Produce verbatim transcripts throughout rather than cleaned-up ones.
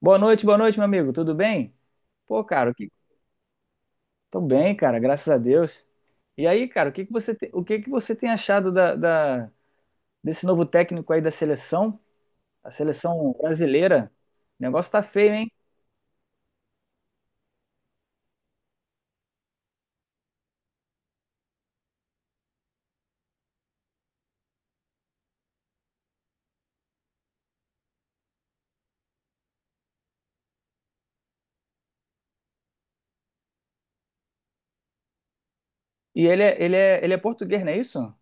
Boa noite, boa noite, meu amigo. Tudo bem? Pô, cara, o que... tô bem, cara, graças a Deus. E aí, cara, o que que você te- o que que você tem achado da, da- desse novo técnico aí da seleção, a seleção brasileira? O negócio tá feio, hein? E ele é, ele é, ele é português, não é isso?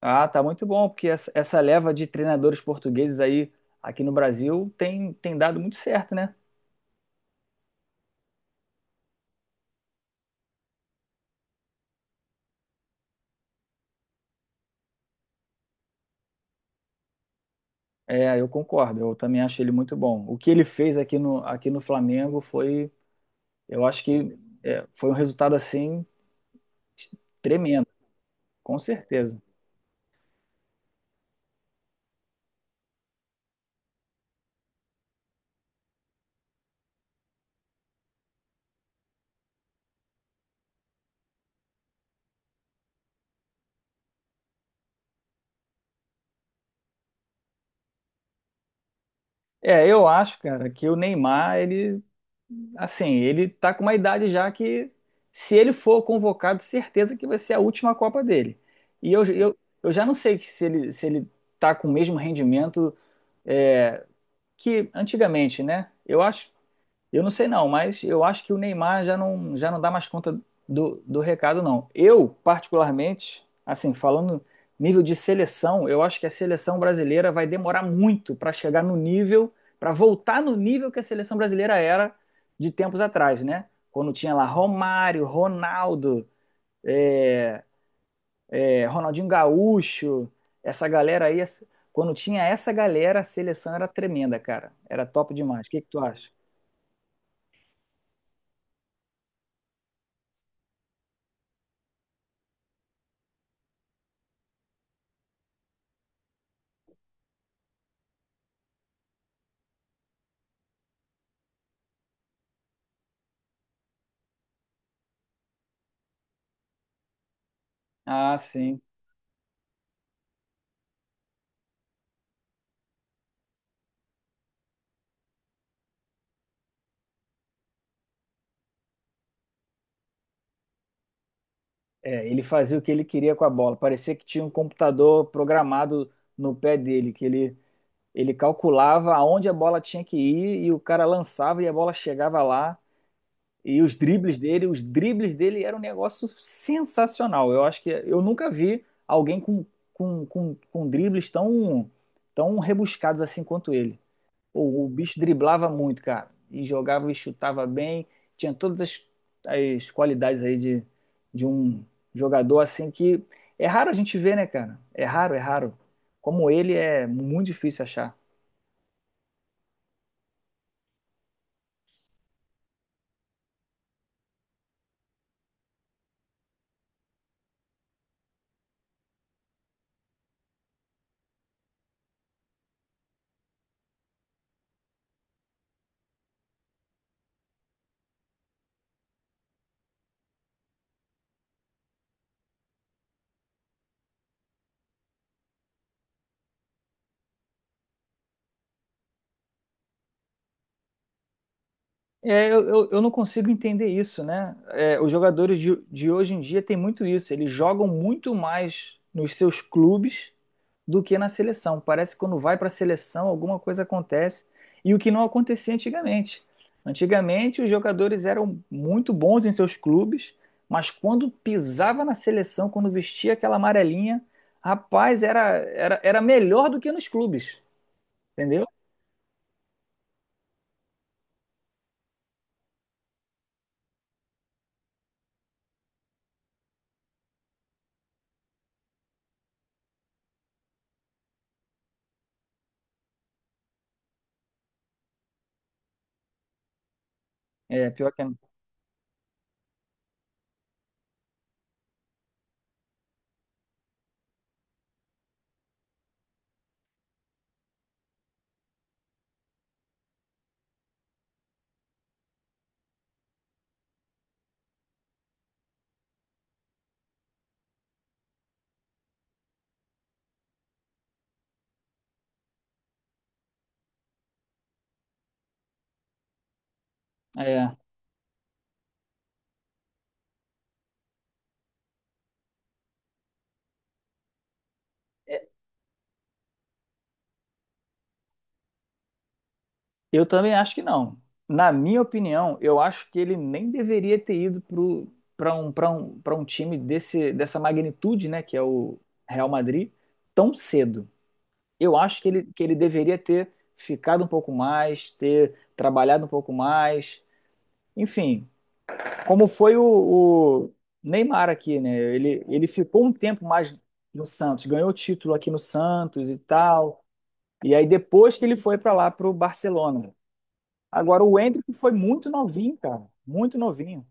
Ah, tá muito bom, porque essa, essa leva de treinadores portugueses aí aqui no Brasil tem, tem dado muito certo, né? É, eu concordo, eu também acho ele muito bom. O que ele fez aqui no, aqui no Flamengo foi, eu acho que é, foi um resultado assim Tremendo, com certeza. É, eu acho, cara, que o Neymar, ele, assim, ele tá com uma idade já que, se ele for convocado, certeza que vai ser a última Copa dele. E eu, eu, eu já não sei se ele, se ele tá com o mesmo rendimento é, que antigamente, né? Eu acho, Eu não sei não, mas eu acho que o Neymar já não, já não dá mais conta do, do recado, não. Eu, particularmente, assim, falando nível de seleção, eu acho que a seleção brasileira vai demorar muito para chegar no nível, para voltar no nível que a seleção brasileira era de tempos atrás, né? Quando tinha lá Romário, Ronaldo, é, Ronaldinho Gaúcho, essa galera aí. Quando tinha essa galera, a seleção era tremenda, cara. Era top demais. O que que tu acha? Ah, sim. É, ele fazia o que ele queria com a bola. Parecia que tinha um computador programado no pé dele, que ele, ele calculava aonde a bola tinha que ir e o cara lançava e a bola chegava lá. E os dribles dele, os dribles dele eram um negócio sensacional. Eu acho que eu nunca vi alguém com, com, com, com dribles tão, tão rebuscados assim quanto ele. Pô, o bicho driblava muito, cara. E jogava e chutava bem. Tinha todas as, as qualidades aí de, de um jogador assim que é raro a gente ver, né, cara? É raro, é raro. Como ele é muito difícil achar. É, eu, eu, eu não consigo entender isso, né? É, os jogadores de, de hoje em dia têm muito isso. Eles jogam muito mais nos seus clubes do que na seleção. Parece que quando vai para a seleção, alguma coisa acontece. E o que não acontecia antigamente. Antigamente, os jogadores eram muito bons em seus clubes, mas quando pisava na seleção, quando vestia aquela amarelinha, rapaz, era, era, era melhor do que nos clubes, entendeu? É, pior que é. É. Eu também acho que não. Na minha opinião, eu acho que ele nem deveria ter ido para um, para um, para um time desse, dessa magnitude, né, que é o Real Madrid, tão cedo. Eu acho que ele, que ele deveria ter ficado um pouco mais, ter trabalhado um pouco mais. Enfim, como foi o, o Neymar aqui, né? Ele, ele ficou um tempo mais no Santos, ganhou título aqui no Santos e tal. E aí depois que ele foi para lá para o Barcelona. Agora, o Endrick foi muito novinho, cara. Muito novinho.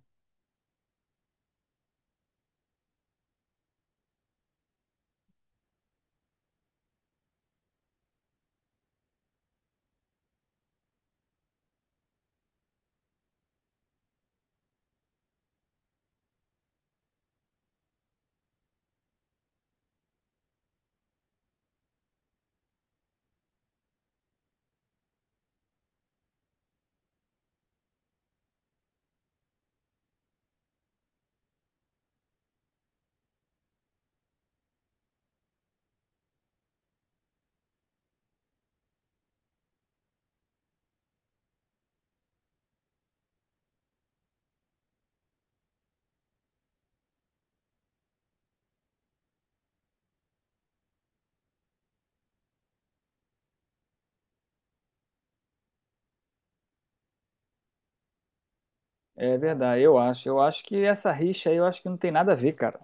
É verdade, eu acho. Eu acho que essa rixa aí, eu acho que não tem nada a ver, cara.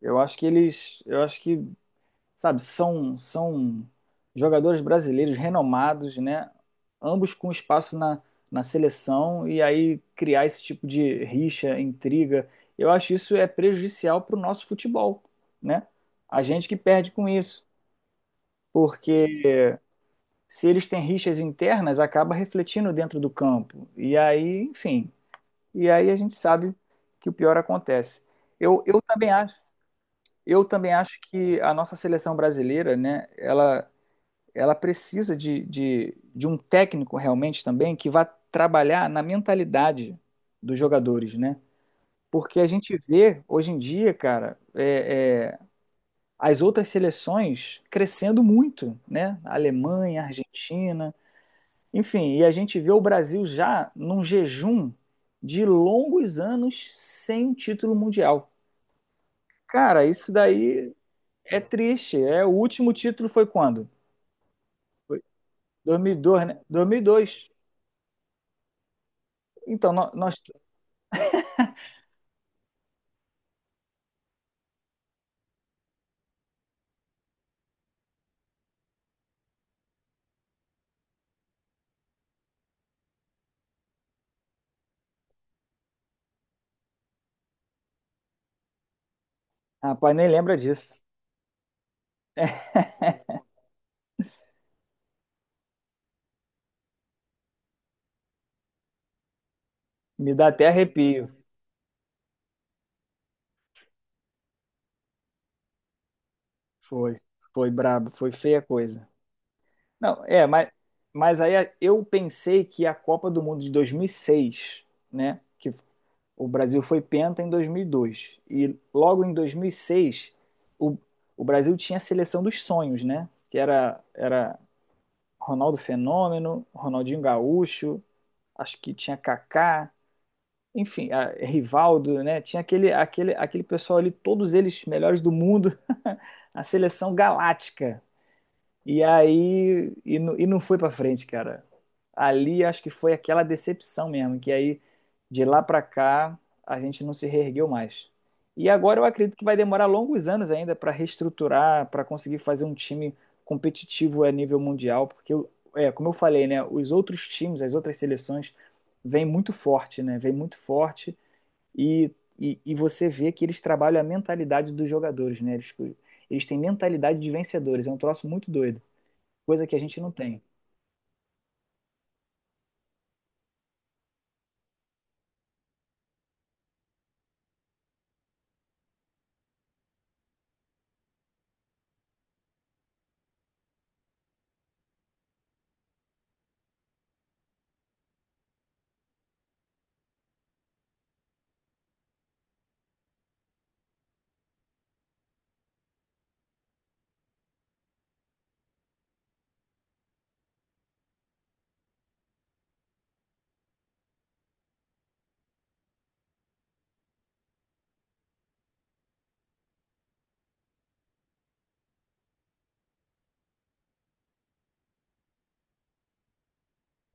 Eu acho que eles, eu acho que, sabe, são são jogadores brasileiros renomados, né? Ambos com espaço na, na seleção e aí criar esse tipo de rixa, intriga, eu acho isso é prejudicial para o nosso futebol, né? A gente que perde com isso, porque se eles têm rixas internas, acaba refletindo dentro do campo. E aí, enfim, e aí a gente sabe que o pior acontece. Eu, eu também acho, eu também acho que a nossa seleção brasileira, né, ela, ela precisa de, de, de um técnico realmente também que vá trabalhar na mentalidade dos jogadores, né? Porque a gente vê hoje em dia, cara, é, é, as outras seleções crescendo muito, né? A Alemanha, a Argentina, Enfim, e a gente vê o Brasil já num jejum de longos anos sem um título mundial. Cara, isso daí é triste. É, o último título foi quando? dois mil e dois, né? dois mil e dois. Então, nó- nós... Rapaz, nem lembra disso. Me dá até arrepio. Foi, foi brabo, foi feia a coisa. Não, é, mas, mas, aí eu pensei que a Copa do Mundo de dois mil e seis, né? Que O Brasil foi penta em dois mil E dois e logo em dois mil e seis o, o Brasil tinha a seleção dos sonhos, né? Que era, era Ronaldo Fenômeno, Ronaldinho Gaúcho, acho que tinha Kaká, enfim, a, Rivaldo, né? Tinha aquele, aquele, aquele pessoal ali, todos eles melhores do mundo, a seleção galáctica e aí, e, não- e não foi pra frente, cara. Ali acho que foi aquela decepção mesmo, que aí de lá pra cá a gente não se reergueu mais. E agora eu acredito que vai demorar longos anos ainda pra reestruturar, pra conseguir fazer um time competitivo a nível mundial, porque eu- é, como eu falei, né, os outros times, as outras seleções vêm muito forte, né? Vêm muito forte e, e, e você vê que eles trabalham a mentalidade dos jogadores, né? Eles, eles têm mentalidade de vencedores, é um troço muito doido, coisa que a gente não tem.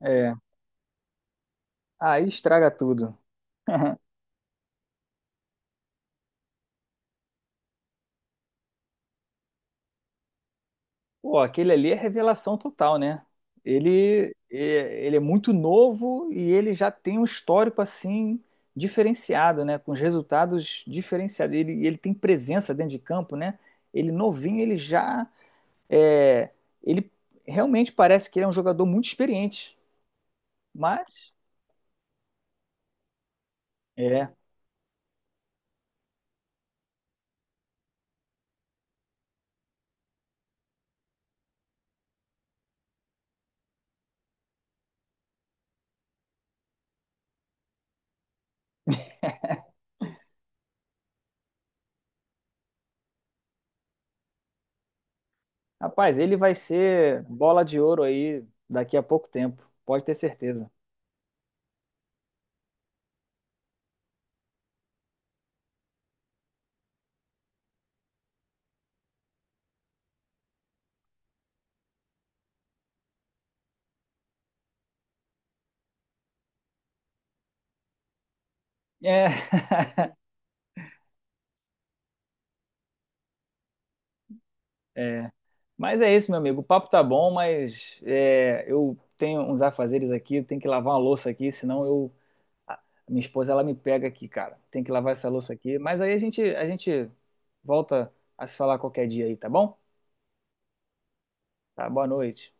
É. Aí estraga tudo. Pô, aquele ali é revelação total, né? Ele, é- ele é muito novo e ele já tem um histórico assim diferenciado, né? Com os resultados diferenciados. Ele, ele tem presença dentro de campo, né? Ele novinho, ele já é, ele realmente parece que ele é um jogador muito experiente. Mas é, rapaz, ele vai ser bola de ouro aí daqui a pouco tempo, pode ter certeza. É. É. Mas é isso, meu amigo. O papo tá bom, mas é, eu tenho uns afazeres aqui, eu tenho que lavar uma louça aqui, senão eu a minha esposa ela me pega aqui, cara. Tem que lavar essa louça aqui. Mas aí a gente a gente volta a se falar qualquer dia aí, tá bom? Tá, boa noite.